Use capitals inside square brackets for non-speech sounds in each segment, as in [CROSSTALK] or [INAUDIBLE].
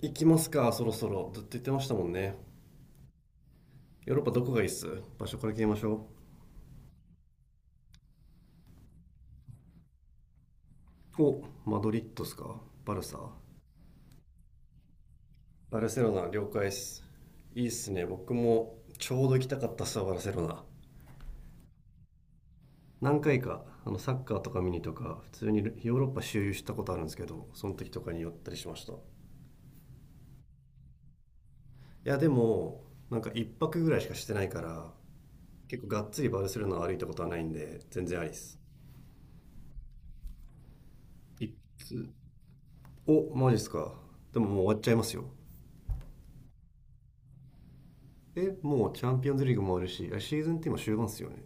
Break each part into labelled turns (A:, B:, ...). A: 行きますか？そろそろずっと言ってましたもんね。ヨーロッパどこがいいっす？場所から決めましょう。お、マドリッドっすか？バルサ？バルセロナ了解っす。いいっすね、僕もちょうど行きたかったっすわ、バルセロナ。何回かサッカーとか見にとか普通にヨーロッパ周遊したことあるんですけど、その時とかに寄ったりしました。いや、でもなんか一泊ぐらいしかしてないから、結構がっつりバルセロナを歩いたことはないんで全然ありっす。いつ？お、マジっすか？でももう終わっちゃいますよ。もうチャンピオンズリーグもあるし、シーズンって今終盤っすよね？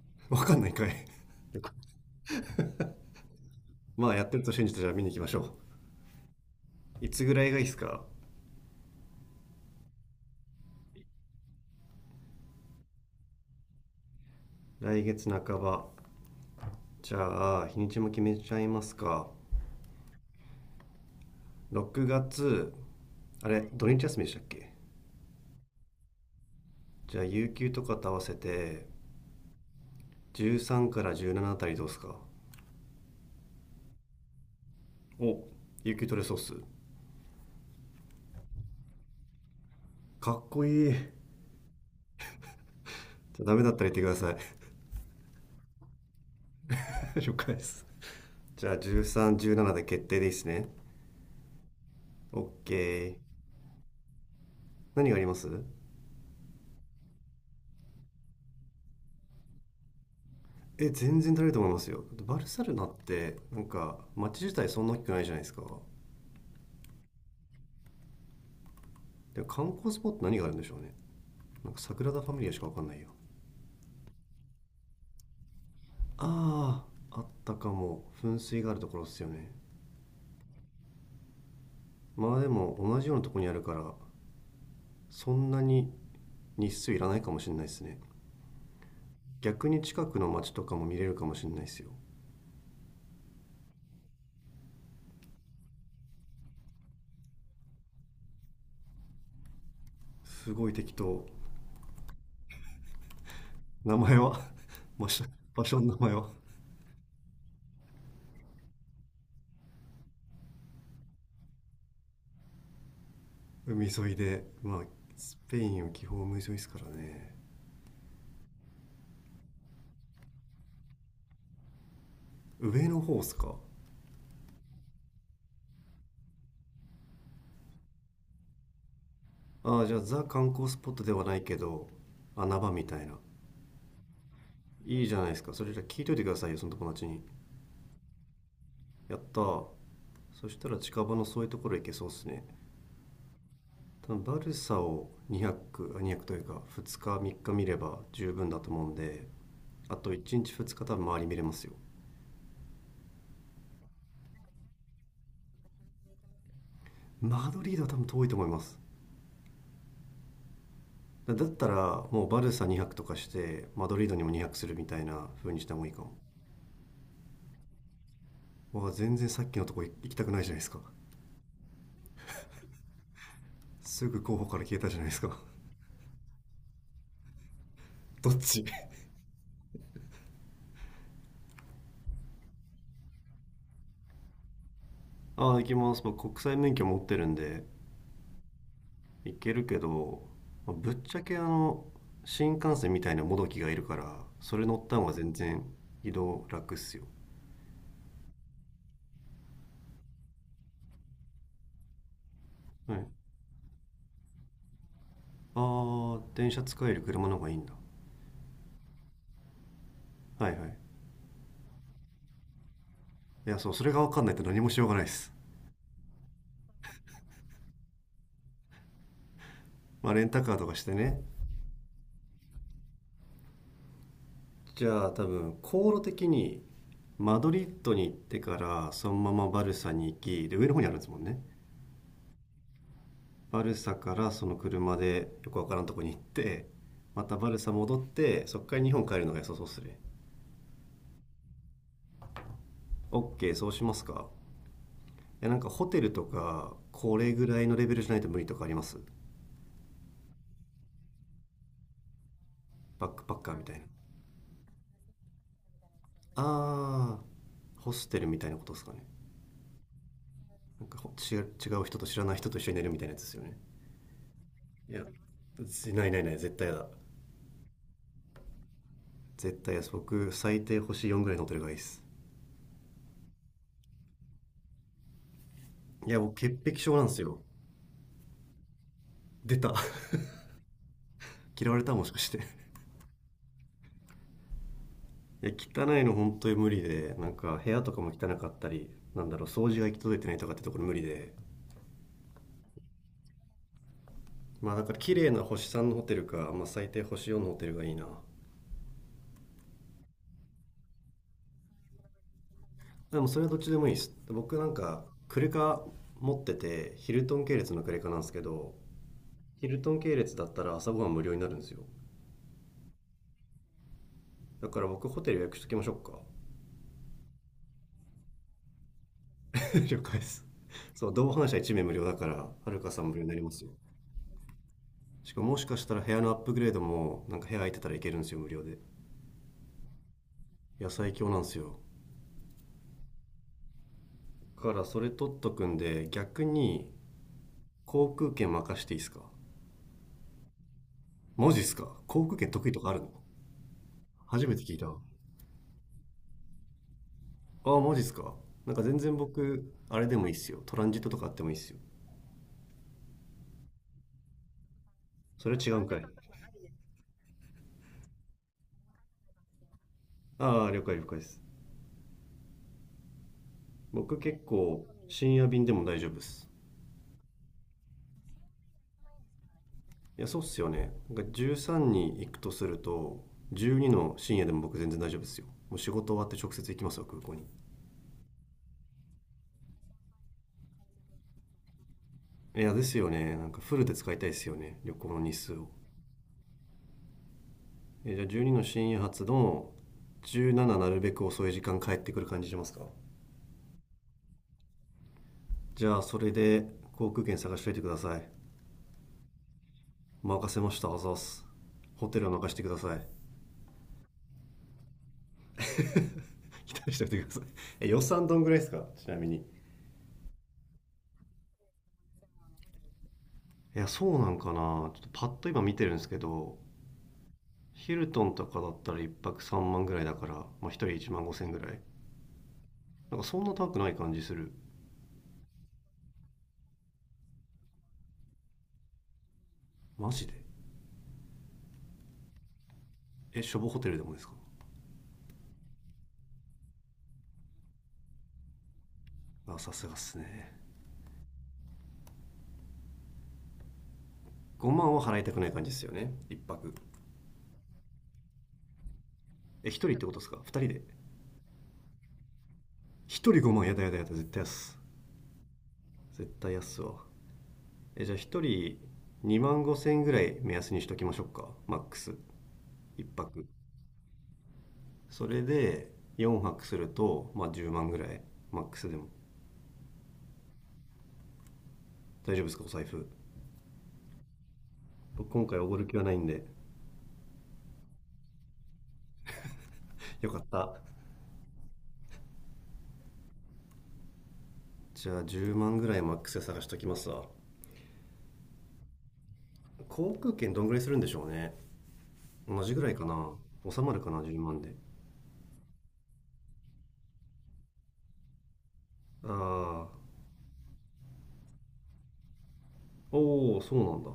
A: [LAUGHS] わかんないかい。 [LAUGHS] まあ、やってると信じて、じゃあ見に行きましょう。いつぐらいがいいっすか？来月半ば。じゃあ日にちも決めちゃいますか？6月。あれ、土日休みでしたっけ？じゃあ有給とかと合わせて、13から17あたりどうっすか？お、有給取れそうっす。かっこいい。じゃあダメだったら言ってください。 [LAUGHS] 了解です。じゃあ1317で決定でいいっすね？オッケー。何があります？全然足りると思いますよ。バルサルナってなんか街自体そんな大きくないじゃないですか。でも観光スポット何があるんでしょうね。なんかサグラダ・ファミリアしか分かんないよ。ああ、あったかも。噴水があるところっすよね？まあでも同じようなとこにあるから、そんなに日数いらないかもしれないですね。逆に近くの街とかも見れるかもしれないですよ。すごい適当。名前は？ [LAUGHS] 場所。場所の名前は？海沿いで、まあ、スペインは基本海沿いですからね。上の方っすか？ああ、じゃあザ観光スポットではないけど、穴場みたいな。いいじゃないですか。それじゃあ聞いといてくださいよ、その友達に。やったー。そしたら近場のそういうところ行けそうっすね。多分バルサを200、あ200というか2日3日見れば十分だと思うんで、あと1日2日多分周り見れますよ。マドリードは多分遠いと思います。だったらもうバルサ2泊とかしてマドリードにも2泊するみたいな風にした方がいいかも。わあ、全然さっきのとこ行きたくないじゃないですか。すぐ候補から消えたじゃないですか。 [LAUGHS] どっち [LAUGHS] ああ、行きます。僕国際免許持ってるんで行けるけど、まあぶっちゃけ新幹線みたいなもどきがいるから、それ乗った方が全然移動楽っすよ、はい、ああ、電車使える車の方がいいんだ。はいはい。いや、そう、それが分かんないと何もしようがないです。まあレンタカーとかしてね。じゃあ多分航路的にマドリッドに行ってからそのままバルサに行きで、上の方にあるんですもんね。バルサからその車でよくわからんとこに行って、またバルサ戻ってそっから日本帰るのが良さそうっすね。 OK、 そうしますか？いやなんかホテルとかこれぐらいのレベルじゃないと無理とかあります？バックパッカーみたいな。あー、ホステルみたいなことですかね。なんか違う人と、知らない人と一緒に寝るみたいなやつですよね。いや、ないないない、絶対やだ。絶対です、僕最低星4ぐらいのってるがいいです。いや、僕潔癖症なんですよ。出た。 [LAUGHS] 嫌われたもしかして。 [LAUGHS] いや、汚いの本当に無理で、なんか部屋とかも汚かったり、なんだろう、掃除が行き届いてないとかってところ無理で、まあだから綺麗な星3のホテルか、まあ、最低星4のホテルがいいな。でもそれはどっちでもいいです。僕なんかクレカ持っててヒルトン系列のクレカなんですけど、ヒルトン系列だったら朝ごはん無料になるんですよ。だから僕ホテル予約しときましょうか。了解です。そう、同伴者1名無料だから、はるかさん無料になりますよ。しかも、もしかしたら部屋のアップグレードも、なんか部屋空いてたらいけるんですよ、無料で。野菜今日なんですよ。だからそれ取っとくんで、逆に航空券任していいですか？マジっすか、航空券得意とかあるの？初めて聞いた。ああ、マジっすか。なんか全然僕。あれ、でもいいっすよ、トランジットとかあってもいいっすよ。それ違うんかい。ああ、了解了解です。僕結構深夜便でも大丈夫っす。いや、そうっすよね。なんか13に行くとすると、12の深夜でも僕全然大丈夫ですよ。もう仕事終わって直接行きますよ、空港に。いやですよね、なんかフルで使いたいですよね、旅行の日数を。じゃあ、12の深夜発の17、なるべく遅い時間帰ってくる感じしますか？じゃあそれで航空券探しといてください。任せました、あざっす。ホテルは任してください。 [LAUGHS] 期待しておいてください。予算どんぐらいですか、ちなみに。いや、そう、なんかな、ちょっとパッと今見てるんですけど、ヒルトンとかだったら1泊3万ぐらいだから、まあ、1人1万5千ぐらい。なんかそんな高くない感じする。マジで？しょぼホテルでもですか？あ、さすがっすね。5万は払いたくない感じですよね、1泊。1人ってことですか？2人で1人5万、やだやだやだ、絶対安、絶対安っすわ。じゃあ、1人2万5千ぐらい目安にしときましょうか、マックス。1泊、それで4泊すると、まあ、10万ぐらい、マックスでも。大丈夫ですか、お財布？僕今回おごる気はないんで。よかった。じゃあ10万ぐらいマックスで探しときますわ。航空券どんぐらいするんでしょうね。同じぐらいかな、収まるかな10万で。ああ、おお、そうなんだ。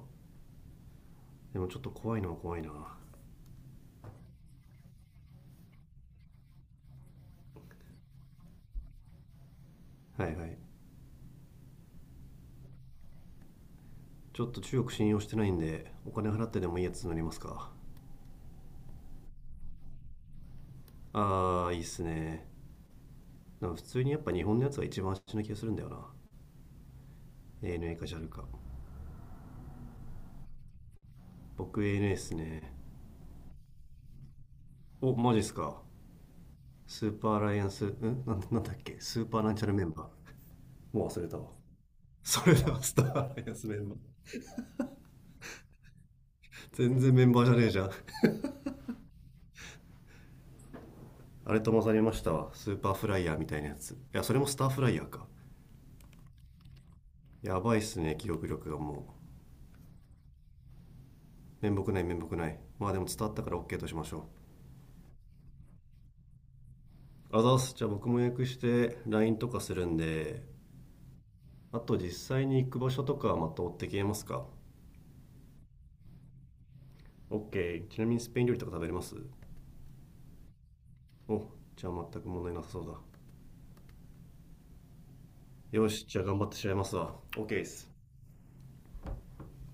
A: でもちょっと怖いのは怖いな、はいはい。ちょっと中国信用してないんでお金払ってでもいいやつ乗りますか。ああ、いいっすね。でも普通にやっぱ日本のやつは一番足な気がするんだよな。 ANA か JAL か。僕 ANA っすね。お、マジっすか。スーパーアライアンス、なんなんだっけ、スーパーランチャルメンバー。もう忘れたわ。それではスターアライアンスメンバー。全然メンバーじゃねえじゃん。あれと混ざりましたわ、スーパーフライヤーみたいなやつ。いや、それもスターフライヤーか。やばいっすね、記憶力がもう。面目ない面目ない。まあでも伝わったから OK としましょ。あざっす。じゃあ僕も予約して LINE とかするんで、あと実際に行く場所とかはまた追って消えますか？ OK、 ちなみにスペイン料理とか食べれます？お、じゃあ全く問題なさそうだ。よし、じゃあ頑張ってしまいますわ。 OK です。